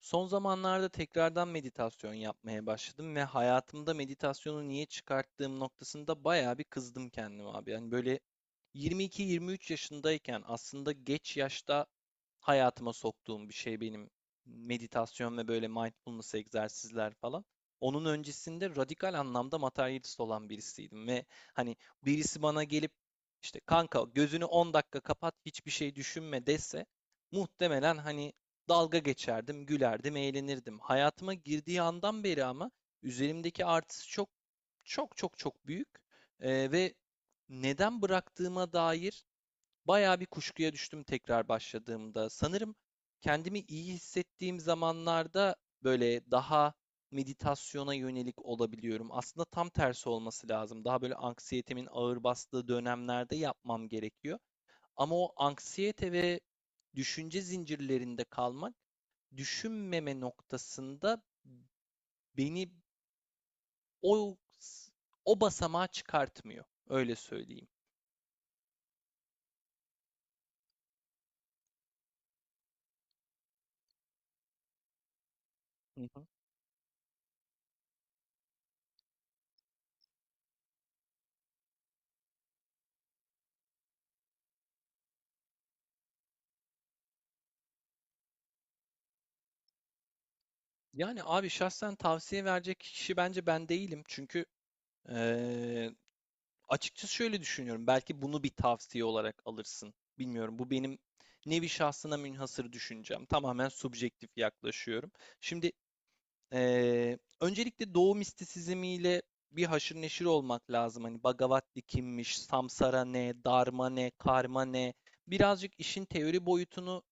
Son zamanlarda tekrardan meditasyon yapmaya başladım ve hayatımda meditasyonu niye çıkarttığım noktasında bayağı bir kızdım kendime abi. Yani böyle 22-23 yaşındayken aslında geç yaşta hayatıma soktuğum bir şey benim, meditasyon ve böyle mindfulness egzersizler falan. Onun öncesinde radikal anlamda materyalist olan birisiydim ve hani birisi bana gelip işte, kanka, gözünü 10 dakika kapat, hiçbir şey düşünme dese muhtemelen hani dalga geçerdim, gülerdim, eğlenirdim. Hayatıma girdiği andan beri ama üzerimdeki artısı çok çok çok çok büyük. Ve neden bıraktığıma dair bayağı bir kuşkuya düştüm tekrar başladığımda. Sanırım kendimi iyi hissettiğim zamanlarda böyle daha meditasyona yönelik olabiliyorum. Aslında tam tersi olması lazım. Daha böyle anksiyetemin ağır bastığı dönemlerde yapmam gerekiyor. Ama o anksiyete ve düşünce zincirlerinde kalmak, düşünmeme noktasında beni o o basamağa çıkartmıyor. Öyle söyleyeyim. Yani abi şahsen tavsiye verecek kişi bence ben değilim. Çünkü eee, açıkçası şöyle düşünüyorum. Belki bunu bir tavsiye olarak alırsın. Bilmiyorum. Bu benim nevi şahsına münhasır düşüncem. Tamamen subjektif yaklaşıyorum. Şimdi öncelikle Doğu mistisizmiyle bir haşır neşir olmak lazım. Hani Bhagavati kimmiş, Samsara ne, Dharma ne, Karma ne? Birazcık işin teori boyutunu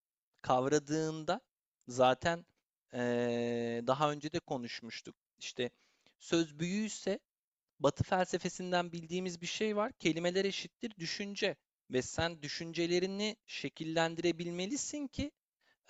kavradığında zaten, daha önce de konuşmuştuk. İşte söz büyüyse, Batı felsefesinden bildiğimiz bir şey var: kelimeler eşittir düşünce, ve sen düşüncelerini şekillendirebilmelisin ki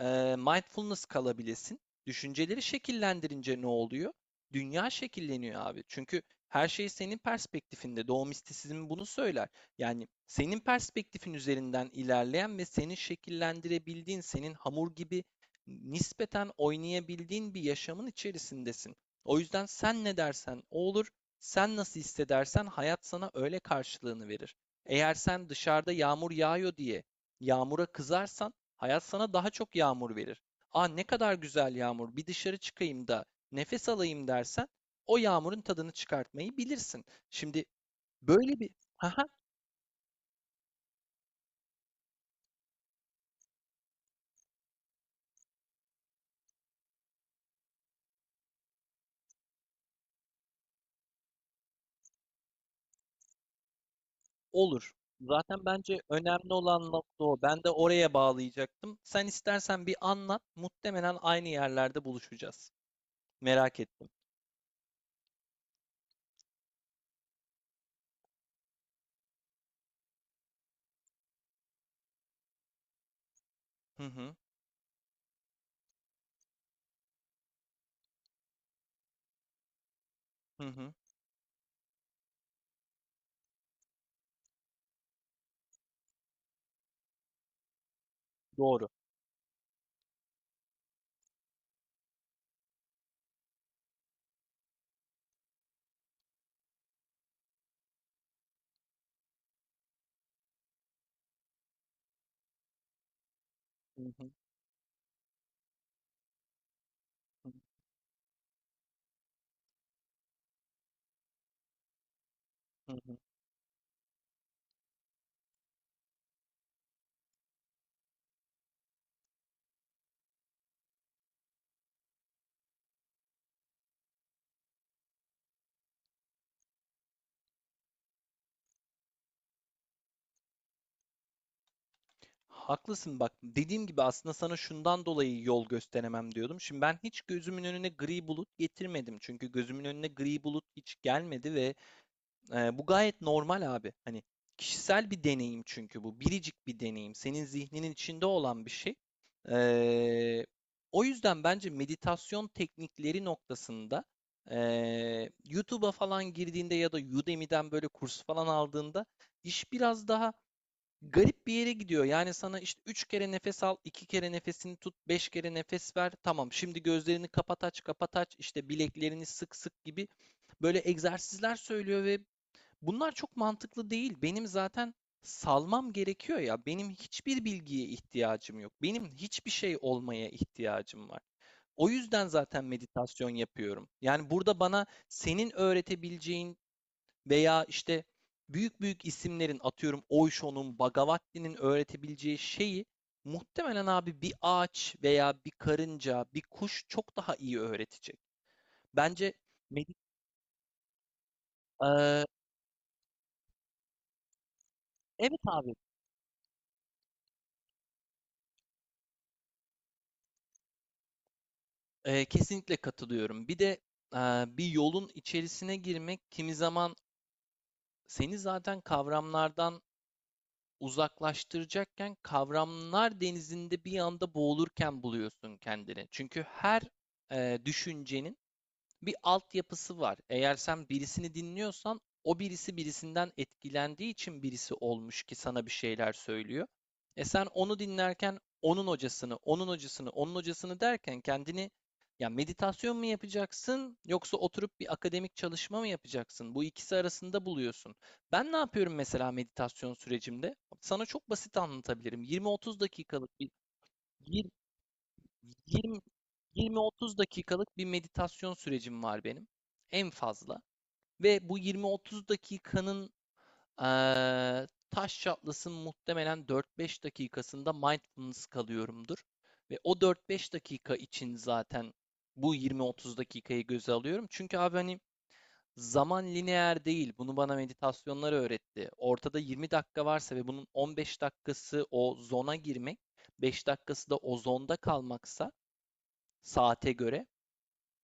mindfulness kalabilesin. Düşünceleri şekillendirince ne oluyor? Dünya şekilleniyor abi. Çünkü her şey senin perspektifinde. Doğu mistisizmi bunu söyler. Yani senin perspektifin üzerinden ilerleyen ve senin şekillendirebildiğin, senin hamur gibi nispeten oynayabildiğin bir yaşamın içerisindesin. O yüzden sen ne dersen o olur. Sen nasıl hissedersen hayat sana öyle karşılığını verir. Eğer sen dışarıda yağmur yağıyor diye yağmura kızarsan, hayat sana daha çok yağmur verir. Aa, ne kadar güzel yağmur, bir dışarı çıkayım da nefes alayım dersen o yağmurun tadını çıkartmayı bilirsin. Şimdi böyle bir... haha. Olur. Zaten bence önemli olan nokta o. Ben de oraya bağlayacaktım. Sen istersen bir anlat. Muhtemelen aynı yerlerde buluşacağız. Merak ettim. Hı hı, hı hı. Doğru. Hı hı, hı hı. Haklısın bak. Dediğim gibi aslında sana şundan dolayı yol gösteremem diyordum. Şimdi ben hiç gözümün önüne gri bulut getirmedim. Çünkü gözümün önüne gri bulut hiç gelmedi ve bu gayet normal abi. Hani kişisel bir deneyim çünkü bu. Biricik bir deneyim. Senin zihninin içinde olan bir şey. Eee, O yüzden bence meditasyon teknikleri noktasında YouTube'a falan girdiğinde ya da Udemy'den böyle kurs falan aldığında iş biraz daha garip bir yere gidiyor. Yani sana işte 3 kere nefes al, 2 kere nefesini tut, 5 kere nefes ver. Tamam, şimdi gözlerini kapat aç, kapat aç, işte bileklerini sık sık gibi böyle egzersizler söylüyor ve bunlar çok mantıklı değil. Benim zaten salmam gerekiyor ya. Benim hiçbir bilgiye ihtiyacım yok. Benim hiçbir şey olmaya ihtiyacım var. O yüzden zaten meditasyon yapıyorum. Yani burada bana senin öğretebileceğin veya işte büyük büyük isimlerin, atıyorum Osho'nun, Bhagavati'nin öğretebileceği şeyi muhtemelen abi bir ağaç veya bir karınca, bir kuş çok daha iyi öğretecek. Bence... medi- Eee, evet abi, kesinlikle katılıyorum. Bir de bir yolun içerisine girmek kimi zaman seni zaten kavramlardan uzaklaştıracakken kavramlar denizinde bir anda boğulurken buluyorsun kendini. Çünkü her düşüncenin bir altyapısı var. Eğer sen birisini dinliyorsan o birisi birisinden etkilendiği için birisi olmuş ki sana bir şeyler söylüyor. E sen onu dinlerken onun hocasını, onun hocasını, onun hocasını derken kendini ya meditasyon mu yapacaksın yoksa oturup bir akademik çalışma mı yapacaksın, bu ikisi arasında buluyorsun. Ben ne yapıyorum mesela meditasyon sürecimde? Sana çok basit anlatabilirim. 20-30 dakikalık bir... 20, 20-30 dakikalık bir meditasyon sürecim var benim en fazla, ve bu 20-30 dakikanın taş çatlasın muhtemelen 4-5 dakikasında mindfulness kalıyorumdur. Ve o 4-5 dakika için zaten bu 20-30 dakikayı göze alıyorum. Çünkü abi hani zaman lineer değil. Bunu bana meditasyonlar öğretti. Ortada 20 dakika varsa ve bunun 15 dakikası o zona girmek, 5 dakikası da o zonda kalmaksa, saate göre.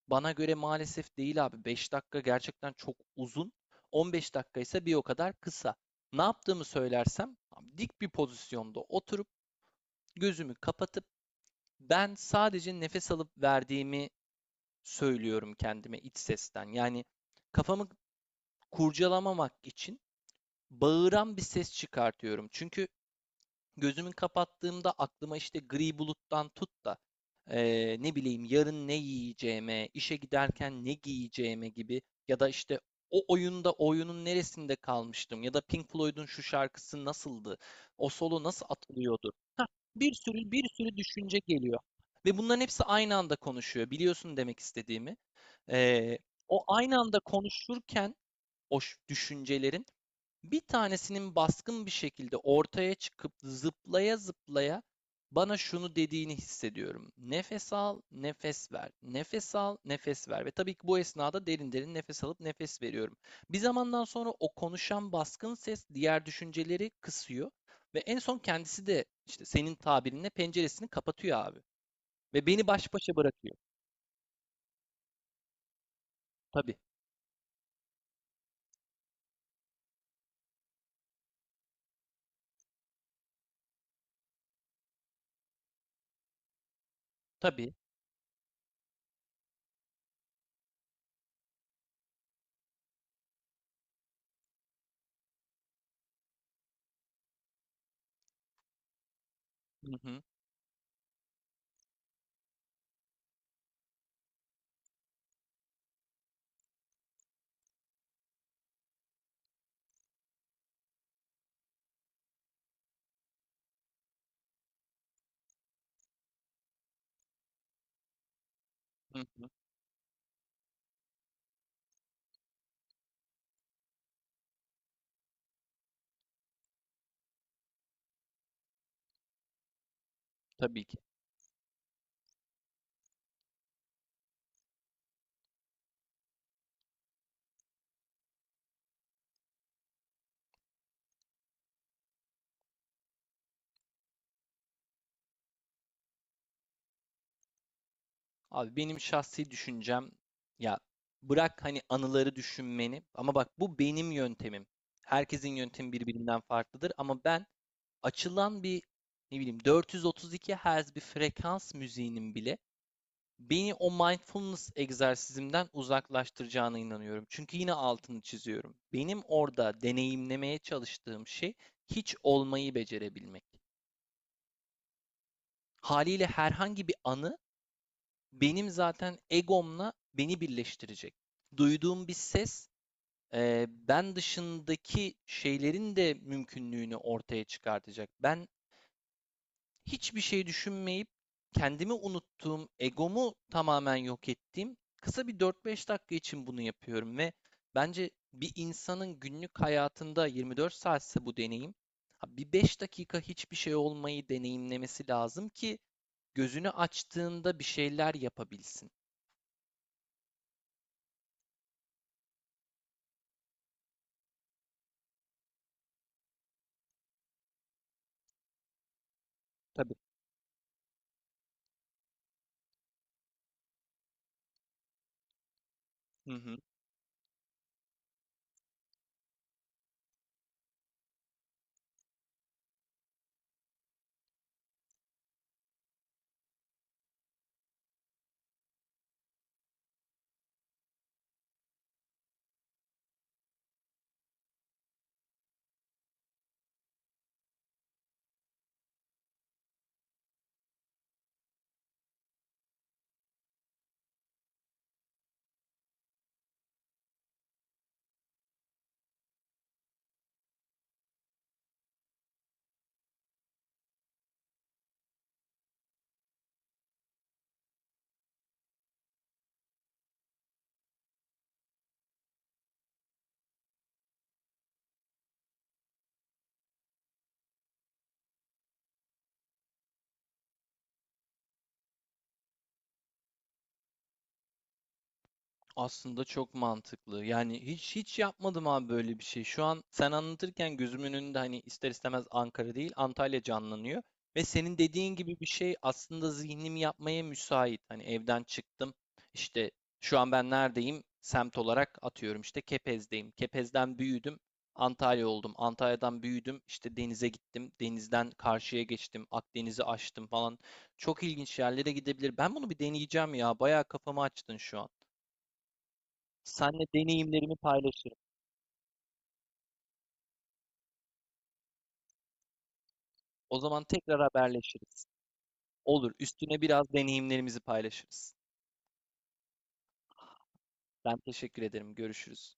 Bana göre maalesef değil abi. 5 dakika gerçekten çok uzun. 15 dakika ise bir o kadar kısa. Ne yaptığımı söylersem, dik bir pozisyonda oturup gözümü kapatıp ben sadece nefes alıp verdiğimi söylüyorum kendime iç sesten. Yani kafamı kurcalamamak için bağıran bir ses çıkartıyorum. Çünkü gözümü kapattığımda aklıma işte gri buluttan tut da ne bileyim yarın ne yiyeceğime, işe giderken ne giyeceğime gibi, ya da işte o oyunda oyunun neresinde kalmıştım, ya da Pink Floyd'un şu şarkısı nasıldı, o solo nasıl atılıyordu... Hah, bir sürü bir sürü düşünce geliyor ve bunların hepsi aynı anda konuşuyor. Biliyorsun demek istediğimi. Eee, O aynı anda konuşurken o düşüncelerin bir tanesinin baskın bir şekilde ortaya çıkıp zıplaya zıplaya bana şunu dediğini hissediyorum: nefes al, nefes ver. Nefes al, nefes ver. Ve tabii ki bu esnada derin derin nefes alıp nefes veriyorum. Bir zamandan sonra o konuşan baskın ses diğer düşünceleri kısıyor ve en son kendisi de işte senin tabirinle penceresini kapatıyor abi, ve beni baş başa bırakıyor. Tabii, tabii. Hı hı, hı hı. Tabii ki. Abi benim şahsi düşüncem, ya, bırak hani anıları düşünmeni, ama bak bu benim yöntemim. Herkesin yöntemi birbirinden farklıdır ama ben açılan bir, ne bileyim, 432 Hz bir frekans müziğinin bile beni o mindfulness egzersizimden uzaklaştıracağına inanıyorum. Çünkü yine altını çiziyorum. Benim orada deneyimlemeye çalıştığım şey hiç olmayı becerebilmek. Haliyle herhangi bir anı benim zaten egomla beni birleştirecek. Duyduğum bir ses, ben dışındaki şeylerin de mümkünlüğünü ortaya çıkartacak. Ben hiçbir şey düşünmeyip kendimi unuttuğum, egomu tamamen yok ettiğim kısa bir 4-5 dakika için bunu yapıyorum ve bence bir insanın günlük hayatında 24 saatse bu deneyim, bir 5 dakika hiçbir şey olmayı deneyimlemesi lazım ki gözünü açtığında bir şeyler yapabilsin. Tabii. Hı hı. Aslında çok mantıklı. Yani hiç hiç yapmadım abi böyle bir şey. Şu an sen anlatırken gözümün önünde hani ister istemez Ankara değil Antalya canlanıyor. Ve senin dediğin gibi bir şey aslında zihnimi yapmaya müsait. Hani evden çıktım. İşte şu an ben neredeyim? Semt olarak atıyorum işte Kepez'deyim. Kepez'den büyüdüm. Antalya oldum. Antalya'dan büyüdüm. İşte denize gittim. Denizden karşıya geçtim. Akdeniz'i aştım falan. Çok ilginç yerlere gidebilir. Ben bunu bir deneyeceğim ya. Bayağı kafamı açtın şu an. Seninle deneyimlerimi paylaşırım. O zaman tekrar haberleşiriz. Olur, üstüne biraz deneyimlerimizi paylaşırız. Ben teşekkür ederim. Görüşürüz.